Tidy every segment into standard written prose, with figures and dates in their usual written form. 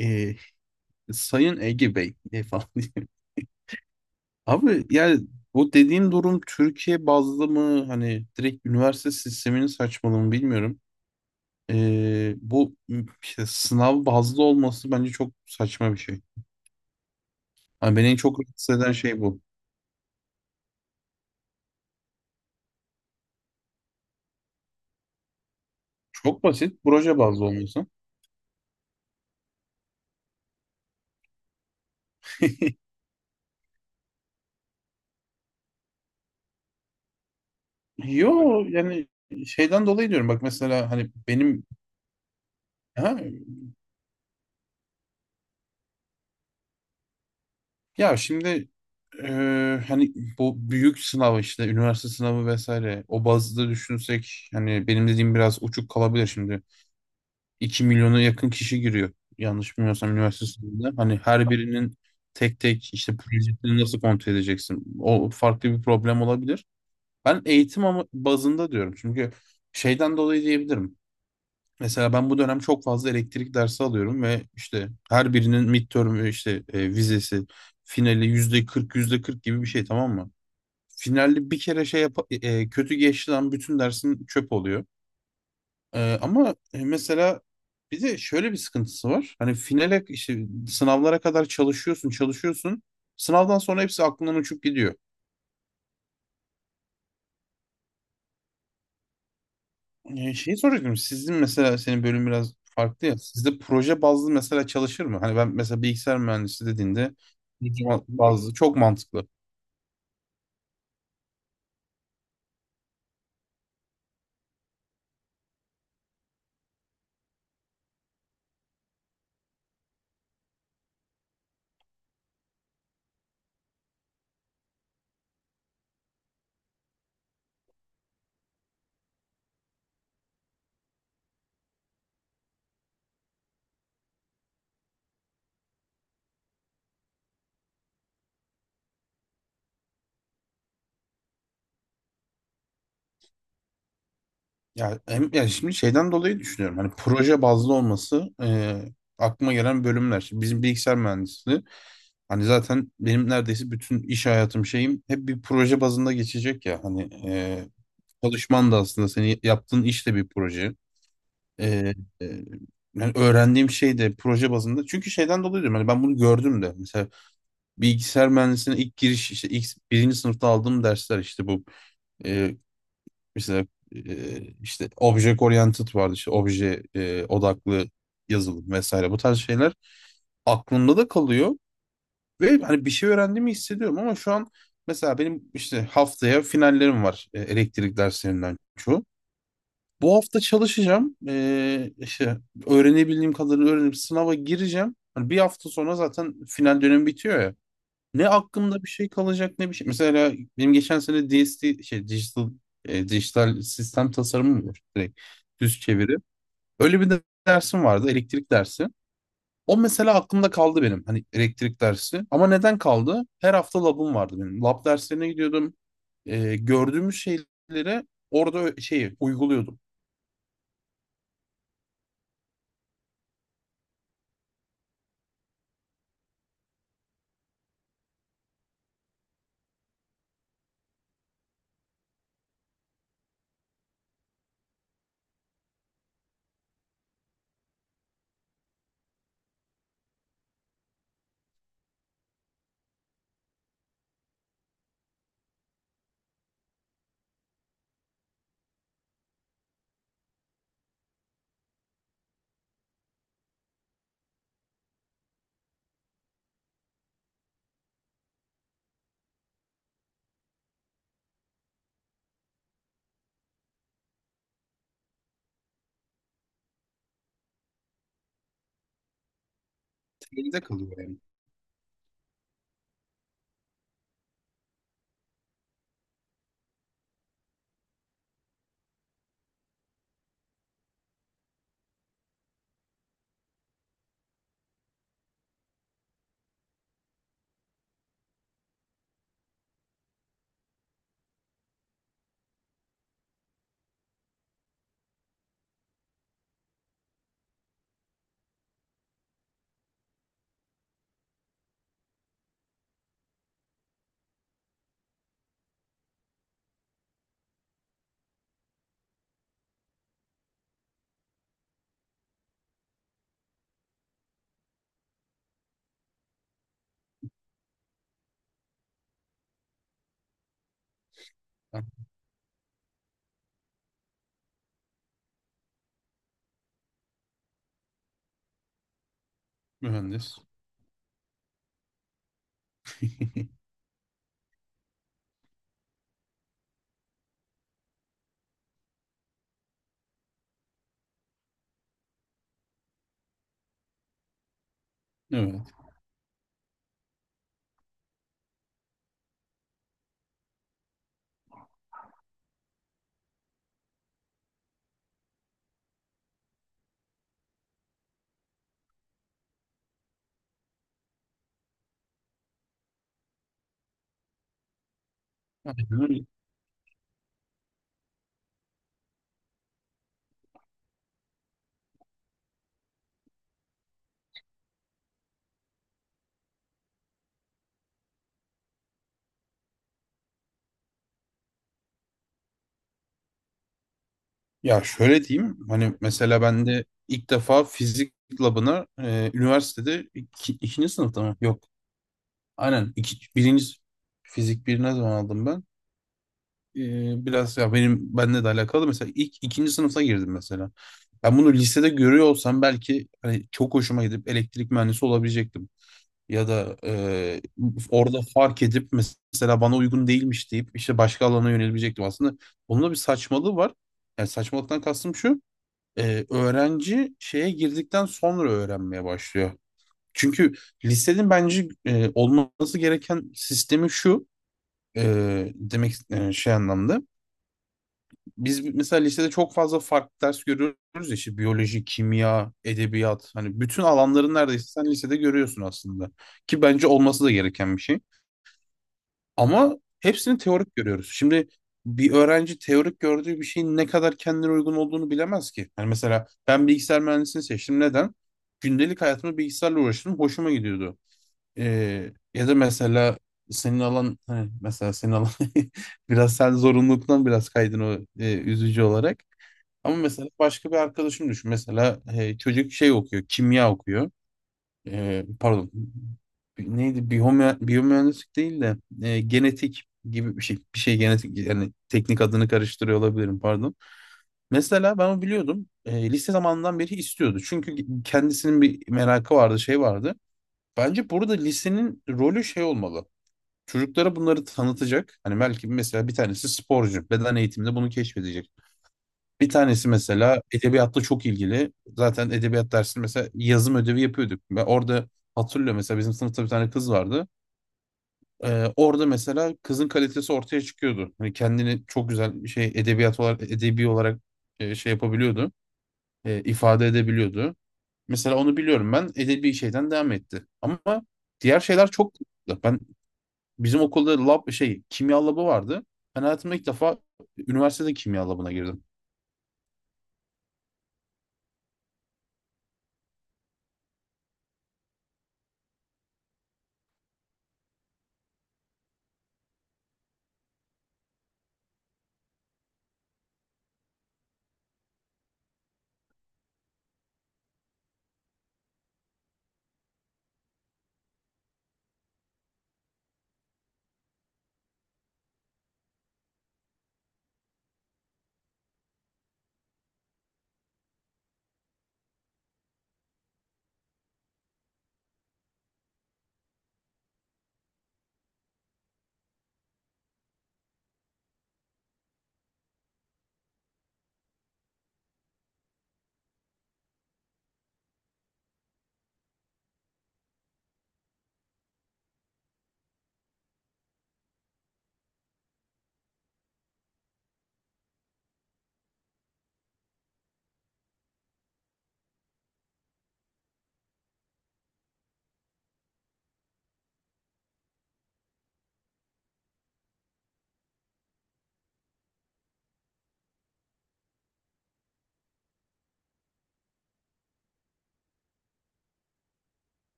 E, Sayın Ege Bey falan diye. Abi, yani bu dediğin durum Türkiye bazlı mı, hani direkt üniversite sisteminin saçmalığı mı bilmiyorum. Bu işte sınav bazlı olması bence çok saçma bir şey. Hani beni en çok rahatsız eden şey bu. Çok basit, proje bazlı olması. Yo, yani şeyden dolayı diyorum, bak mesela hani benim ha, ya şimdi hani bu büyük sınav, işte üniversite sınavı vesaire, o bazda düşünsek hani benim dediğim biraz uçuk kalabilir şimdi. İki milyona yakın kişi giriyor yanlış bilmiyorsam üniversite sınavında. Hani her birinin tek tek işte projesini nasıl kontrol edeceksin? O farklı bir problem olabilir. Ben eğitim ama bazında diyorum, çünkü şeyden dolayı diyebilirim. Mesela ben bu dönem çok fazla elektrik dersi alıyorum ve işte her birinin midterm, işte vizesi, finali yüzde 40 yüzde 40 gibi bir şey, tamam mı? Finalde bir kere şey yap, kötü geçti lan, bütün dersin çöp oluyor. Ama mesela bir de şöyle bir sıkıntısı var. Hani finale, işte sınavlara kadar çalışıyorsun. Sınavdan sonra hepsi aklından uçup gidiyor. Şey soracaktım. Sizin mesela, senin bölüm biraz farklı ya. Sizde proje bazlı mesela çalışır mı? Hani ben mesela bilgisayar mühendisi dediğinde proje bazlı çok mantıklı. Ya hem yani, şimdi şeyden dolayı düşünüyorum. Hani proje bazlı olması, aklıma gelen bölümler. Şimdi bizim bilgisayar mühendisliği, hani zaten benim neredeyse bütün iş hayatım, şeyim, hep bir proje bazında geçecek ya. Hani e, çalışman da, aslında seni yaptığın iş de bir proje. Ee, e, Yani öğrendiğim şey de proje bazında. Çünkü şeyden dolayı diyorum. Hani ben bunu gördüm de. Mesela bilgisayar mühendisliğine ilk giriş, işte ilk birinci sınıfta aldığım dersler, işte bu, e, mesela, işte object oriented vardı, işte obje odaklı yazılım vesaire, bu tarz şeyler aklımda da kalıyor ve hani bir şey öğrendiğimi hissediyorum. Ama şu an mesela benim işte haftaya finallerim var, elektrik derslerinden çoğu. Bu hafta çalışacağım. İşte öğrenebildiğim kadarını öğrenip sınava gireceğim. Hani bir hafta sonra zaten final dönemi bitiyor ya. Ne aklımda bir şey kalacak, ne bir şey. Mesela benim geçen sene DST, şey, dijital sistem tasarımı mı var? Direkt düz çeviri. Öyle bir de dersim vardı, elektrik dersi. O mesela aklımda kaldı benim, hani elektrik dersi. Ama neden kaldı? Her hafta labım vardı benim. Lab derslerine gidiyordum. Gördüğümüz şeylere orada şeyi uyguluyordum. Teoride kalıyor yani. Ha, mühendis. Evet. Aynen öyle. Ya şöyle diyeyim, hani mesela ben de ilk defa fizik labına üniversitede ikinci sınıfta mı? Yok. Aynen. Fizik bir ne zaman aldım ben? E, biraz ya benim, benle de alakalı, mesela ilk ikinci sınıfta girdim mesela. Ben bunu lisede görüyor olsam belki hani çok hoşuma gidip elektrik mühendisi olabilecektim. Ya da orada fark edip mesela bana uygun değilmiş deyip işte başka alana yönelebilecektim. Aslında bunun da bir saçmalığı var. Yani saçmalıktan kastım şu: öğrenci şeye girdikten sonra öğrenmeye başlıyor. Çünkü lisenin bence olması gereken sistemi şu. Demek şey anlamda. Biz mesela lisede çok fazla farklı ders görüyoruz ya, işte biyoloji, kimya, edebiyat, hani bütün alanların neredeyse sen lisede görüyorsun aslında. Ki bence olması da gereken bir şey. Ama hepsini teorik görüyoruz. Şimdi bir öğrenci teorik gördüğü bir şeyin ne kadar kendine uygun olduğunu bilemez ki. Yani mesela ben bilgisayar mühendisliğini seçtim. Neden? Gündelik hayatımda bilgisayarla uğraştım, hoşuma gidiyordu. Ya da mesela senin alan, hani mesela senin alan, biraz sen zorunluluktan biraz kaydın o, üzücü olarak. Ama mesela başka bir arkadaşım düşün. Mesela çocuk şey okuyor, kimya okuyor, pardon, neydi, biyomühendislik değil de genetik gibi bir şey, genetik yani, teknik adını karıştırıyor olabilirim, pardon. Mesela ben onu biliyordum. Lise zamanından beri istiyordu. Çünkü kendisinin bir merakı vardı, şey vardı. Bence burada lisenin rolü şey olmalı. Çocuklara bunları tanıtacak. Hani belki mesela bir tanesi sporcu, beden eğitiminde bunu keşfedecek. Bir tanesi mesela edebiyatla çok ilgili. Zaten edebiyat dersinde mesela yazım ödevi yapıyorduk. Ve orada hatırlıyorum, mesela bizim sınıfta bir tane kız vardı. Orada mesela kızın kalitesi ortaya çıkıyordu. Hani kendini çok güzel şey, edebiyat olarak, edebi olarak şey yapabiliyordu, ifade edebiliyordu. Mesela onu biliyorum, ben edebi şeyden devam etti. Ama diğer şeyler çok, ben bizim okulda lab, şey, kimya labı vardı. Ben hayatımda ilk defa üniversitede kimya labına girdim.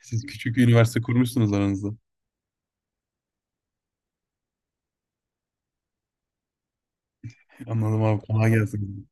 Siz küçük bir üniversite kurmuşsunuz aranızda. Anladım abi, kolay gelsin.